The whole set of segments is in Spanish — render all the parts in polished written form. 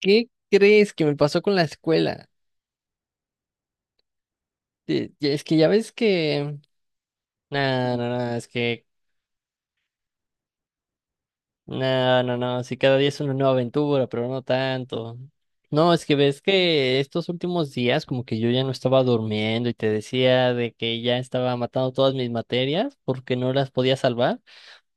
¿Qué crees que me pasó con la escuela? Es que ya ves que... No, no, no, es que... No, no, no, si cada día es una nueva aventura, pero no tanto. No, es que ves que estos últimos días como que yo ya no estaba durmiendo y te decía de que ya estaba matando todas mis materias porque no las podía salvar.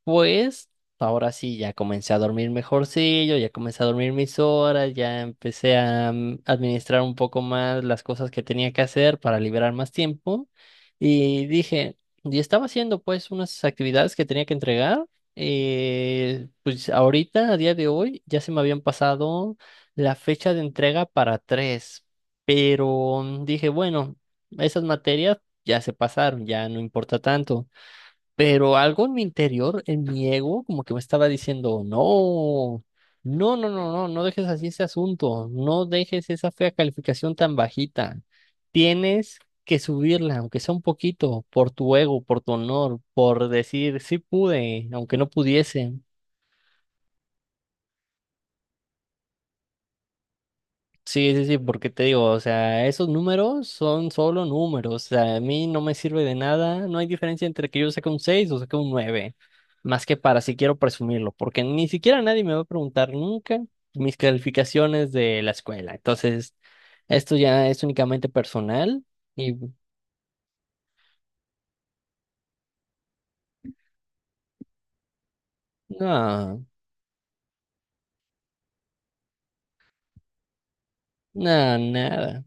Pues ahora sí, ya comencé a dormir mejorcillo, ya comencé a dormir mis horas, ya empecé a administrar un poco más las cosas que tenía que hacer para liberar más tiempo. Y dije, y estaba haciendo pues unas actividades que tenía que entregar. Pues ahorita, a día de hoy, ya se me habían pasado la fecha de entrega para tres, pero dije, bueno, esas materias ya se pasaron, ya no importa tanto. Pero algo en mi interior, en mi ego, como que me estaba diciendo, no, no, no, no, no, no dejes así ese asunto, no dejes esa fea calificación tan bajita. Tienes que subirla, aunque sea un poquito, por tu ego, por tu honor, por decir, sí pude, aunque no pudiese. Sí, sí, sí, porque te digo, o sea, esos números son solo números, o sea, a mí no me sirve de nada, no hay diferencia entre que yo saque un 6 o saque un 9 más que para si quiero presumirlo, porque ni siquiera nadie me va a preguntar nunca mis calificaciones de la escuela, entonces esto ya es únicamente personal y no, no, nada.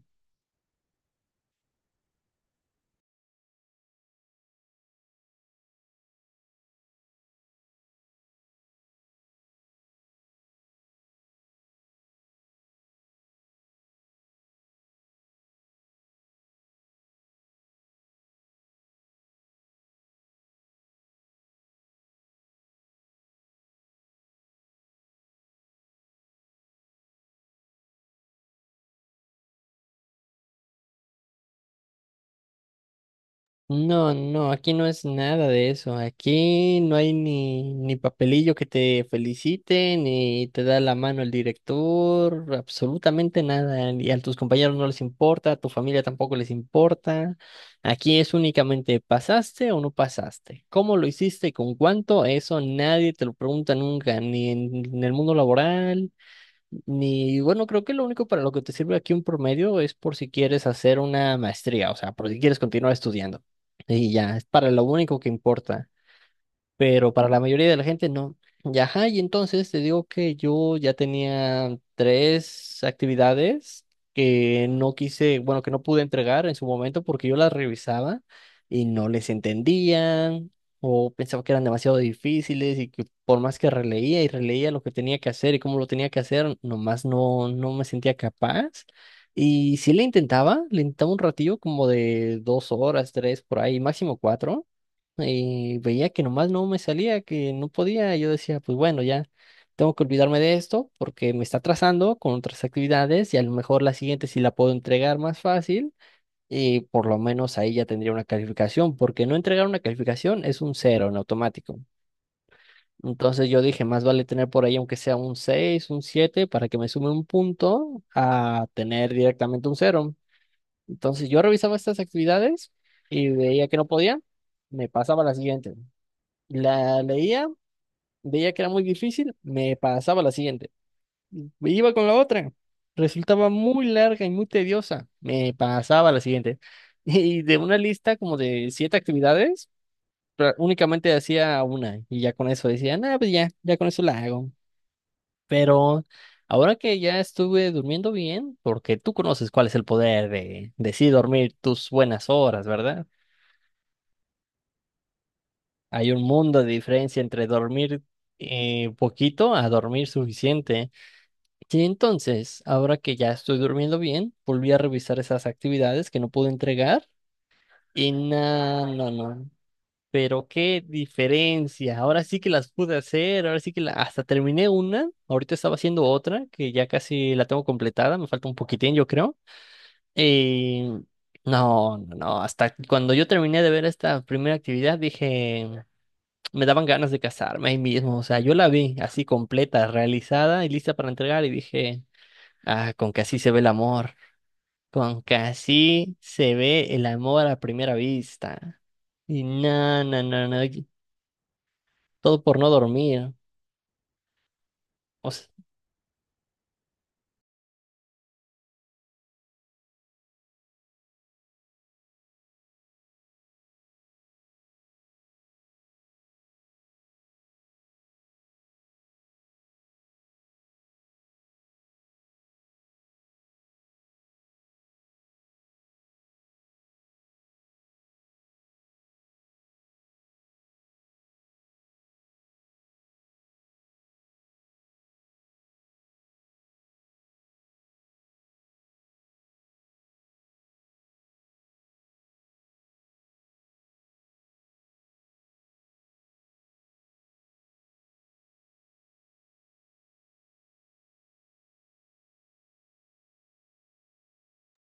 No, no, aquí no es nada de eso. Aquí no hay ni papelillo que te felicite, ni te da la mano el director, absolutamente nada. Y a tus compañeros no les importa, a tu familia tampoco les importa. Aquí es únicamente pasaste o no pasaste. ¿Cómo lo hiciste y con cuánto? Eso nadie te lo pregunta nunca, ni en el mundo laboral. Ni, bueno, creo que lo único para lo que te sirve aquí un promedio es por si quieres hacer una maestría, o sea, por si quieres continuar estudiando. Y ya, es para lo único que importa, pero para la mayoría de la gente no. Y ajá, y entonces te digo que yo ya tenía tres actividades que no quise, bueno, que no pude entregar en su momento porque yo las revisaba y no les entendían o pensaba que eran demasiado difíciles y que por más que releía y releía lo que tenía que hacer y cómo lo tenía que hacer, nomás no, no me sentía capaz. Y sí le intentaba un ratillo como de 2 horas, tres por ahí, máximo cuatro, y veía que nomás no me salía, que no podía. Y yo decía, pues bueno, ya tengo que olvidarme de esto porque me está atrasando con otras actividades y a lo mejor la siguiente sí la puedo entregar más fácil y por lo menos ahí ya tendría una calificación, porque no entregar una calificación es un cero en automático. Entonces yo dije, más vale tener por ahí aunque sea un 6 un 7 para que me sume un punto a tener directamente un cero. Entonces yo revisaba estas actividades y veía que no podía, me pasaba a la siguiente. La leía, veía que era muy difícil, me pasaba a la siguiente. Me iba con la otra, resultaba muy larga y muy tediosa, me pasaba a la siguiente. Y de una lista como de siete actividades, únicamente hacía una y ya con eso decía, nada, pues ya, ya con eso la hago. Pero ahora que ya estuve durmiendo bien, porque tú conoces cuál es el poder de sí dormir tus buenas horas, ¿verdad? Hay un mundo de diferencia entre dormir poquito a dormir suficiente. Sí, entonces, ahora que ya estoy durmiendo bien, volví a revisar esas actividades que no pude entregar y no, no, no. Pero qué diferencia. Ahora sí que las pude hacer, ahora sí que hasta terminé una. Ahorita estaba haciendo otra que ya casi la tengo completada, me falta un poquitín, yo creo. Eh, no, no, no. Hasta cuando yo terminé de ver esta primera actividad, dije, me daban ganas de casarme ahí mismo. O sea, yo la vi así completa, realizada y lista para entregar y dije... Ah, con que así se ve el amor. Con que así se ve el amor a primera vista. Y no, no, no, no. y Todo por no dormir.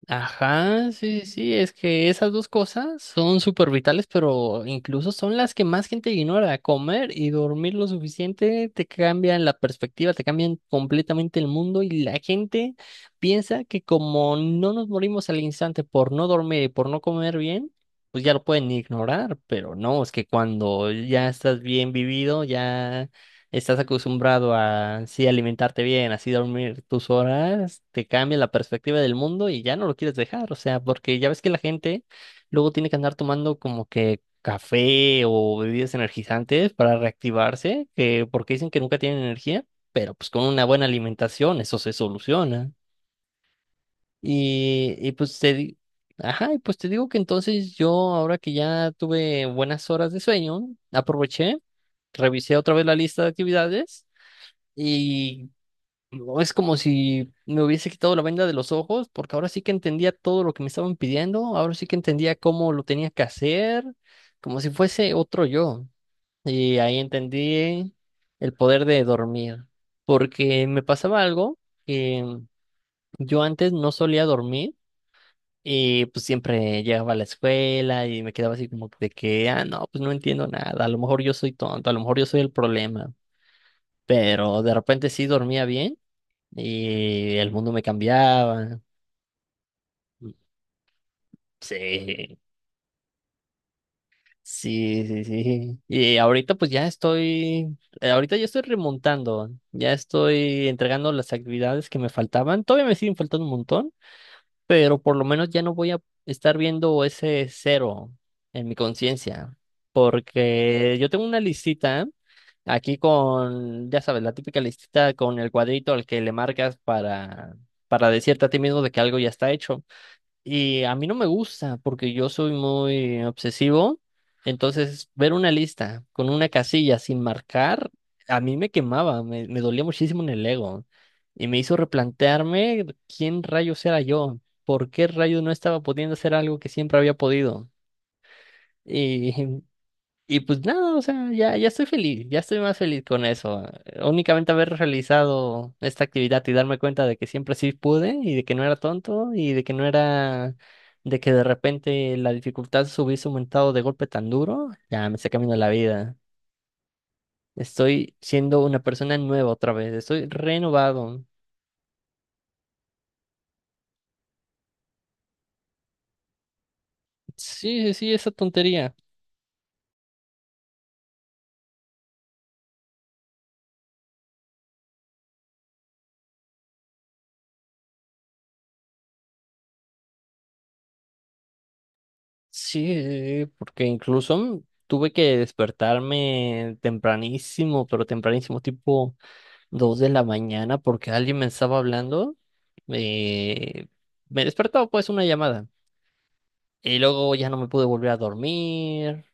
Ajá, sí, sí, sí, es que esas dos cosas son súper vitales, pero incluso son las que más gente ignora. Comer y dormir lo suficiente te cambian la perspectiva, te cambian completamente el mundo y la gente piensa que como no nos morimos al instante por no dormir y por no comer bien, pues ya lo pueden ignorar, pero no, es que cuando ya estás bien vivido, ya estás acostumbrado a sí alimentarte bien, así dormir tus horas, te cambia la perspectiva del mundo y ya no lo quieres dejar, o sea, porque ya ves que la gente luego tiene que andar tomando como que café o bebidas energizantes para reactivarse, que porque dicen que nunca tienen energía, pero pues con una buena alimentación eso se soluciona. Y, y pues te di- Ajá, y pues te digo que entonces yo, ahora que ya tuve buenas horas de sueño, aproveché, revisé otra vez la lista de actividades y no, es como si me hubiese quitado la venda de los ojos, porque ahora sí que entendía todo lo que me estaban pidiendo, ahora sí que entendía cómo lo tenía que hacer, como si fuese otro yo. Y ahí entendí el poder de dormir, porque me pasaba algo que yo antes no solía dormir. Y pues siempre llegaba a la escuela y me quedaba así como de que, ah, no, pues no entiendo nada, a lo mejor yo soy tonto, a lo mejor yo soy el problema, pero de repente sí dormía bien y el mundo me cambiaba. Sí, sí, sí, sí. Y ahorita pues ya estoy, ahorita ya estoy remontando, ya estoy entregando las actividades que me faltaban. Todavía me siguen faltando un montón, pero por lo menos ya no voy a estar viendo ese cero en mi conciencia, porque yo tengo una listita aquí con, ya sabes, la típica listita con el cuadrito al que le marcas para decirte a ti mismo de que algo ya está hecho. Y a mí no me gusta porque yo soy muy obsesivo. Entonces, ver una lista con una casilla sin marcar, a mí me quemaba, me dolía muchísimo en el ego. Y me hizo replantearme quién rayos era yo, por qué rayos no estaba pudiendo hacer algo que siempre había podido. Y Y pues nada, o sea, ya, ya estoy feliz, ya estoy más feliz con eso. Únicamente haber realizado esta actividad y darme cuenta de que siempre sí pude y de que no era tonto y de que no era, de que de repente la dificultad se hubiese aumentado de golpe tan duro, ya me está cambiando la vida. Estoy siendo una persona nueva otra vez, estoy renovado. Sí, sí, sí, esa tontería. Sí, porque incluso tuve que despertarme tempranísimo, pero tempranísimo, tipo 2 de la mañana, porque alguien me estaba hablando. eh, Me despertó pues una llamada. Y luego ya no me pude volver a dormir.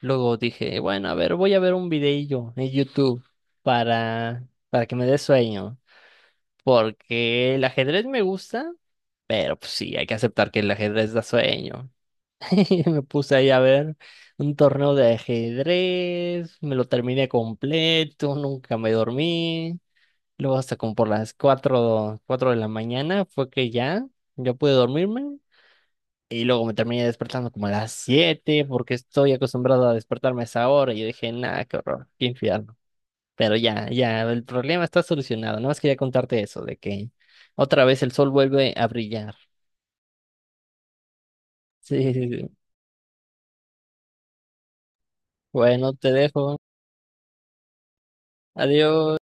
Luego dije, bueno, a ver, voy a ver un videillo en YouTube para que me dé sueño. Porque el ajedrez me gusta, pero pues sí, hay que aceptar que el ajedrez da sueño. Y me puse ahí a ver un torneo de ajedrez, me lo terminé completo, nunca me dormí. Luego hasta como por las cuatro de la mañana fue que ya, yo pude dormirme y luego me terminé despertando como a las 7 porque estoy acostumbrado a despertarme a esa hora y yo dije, nada, qué horror, qué infierno. Pero ya, ya, el problema está solucionado. Nada más quería contarte eso, de que otra vez el sol vuelve a brillar. Sí, sí, sí. Bueno, te dejo. Adiós.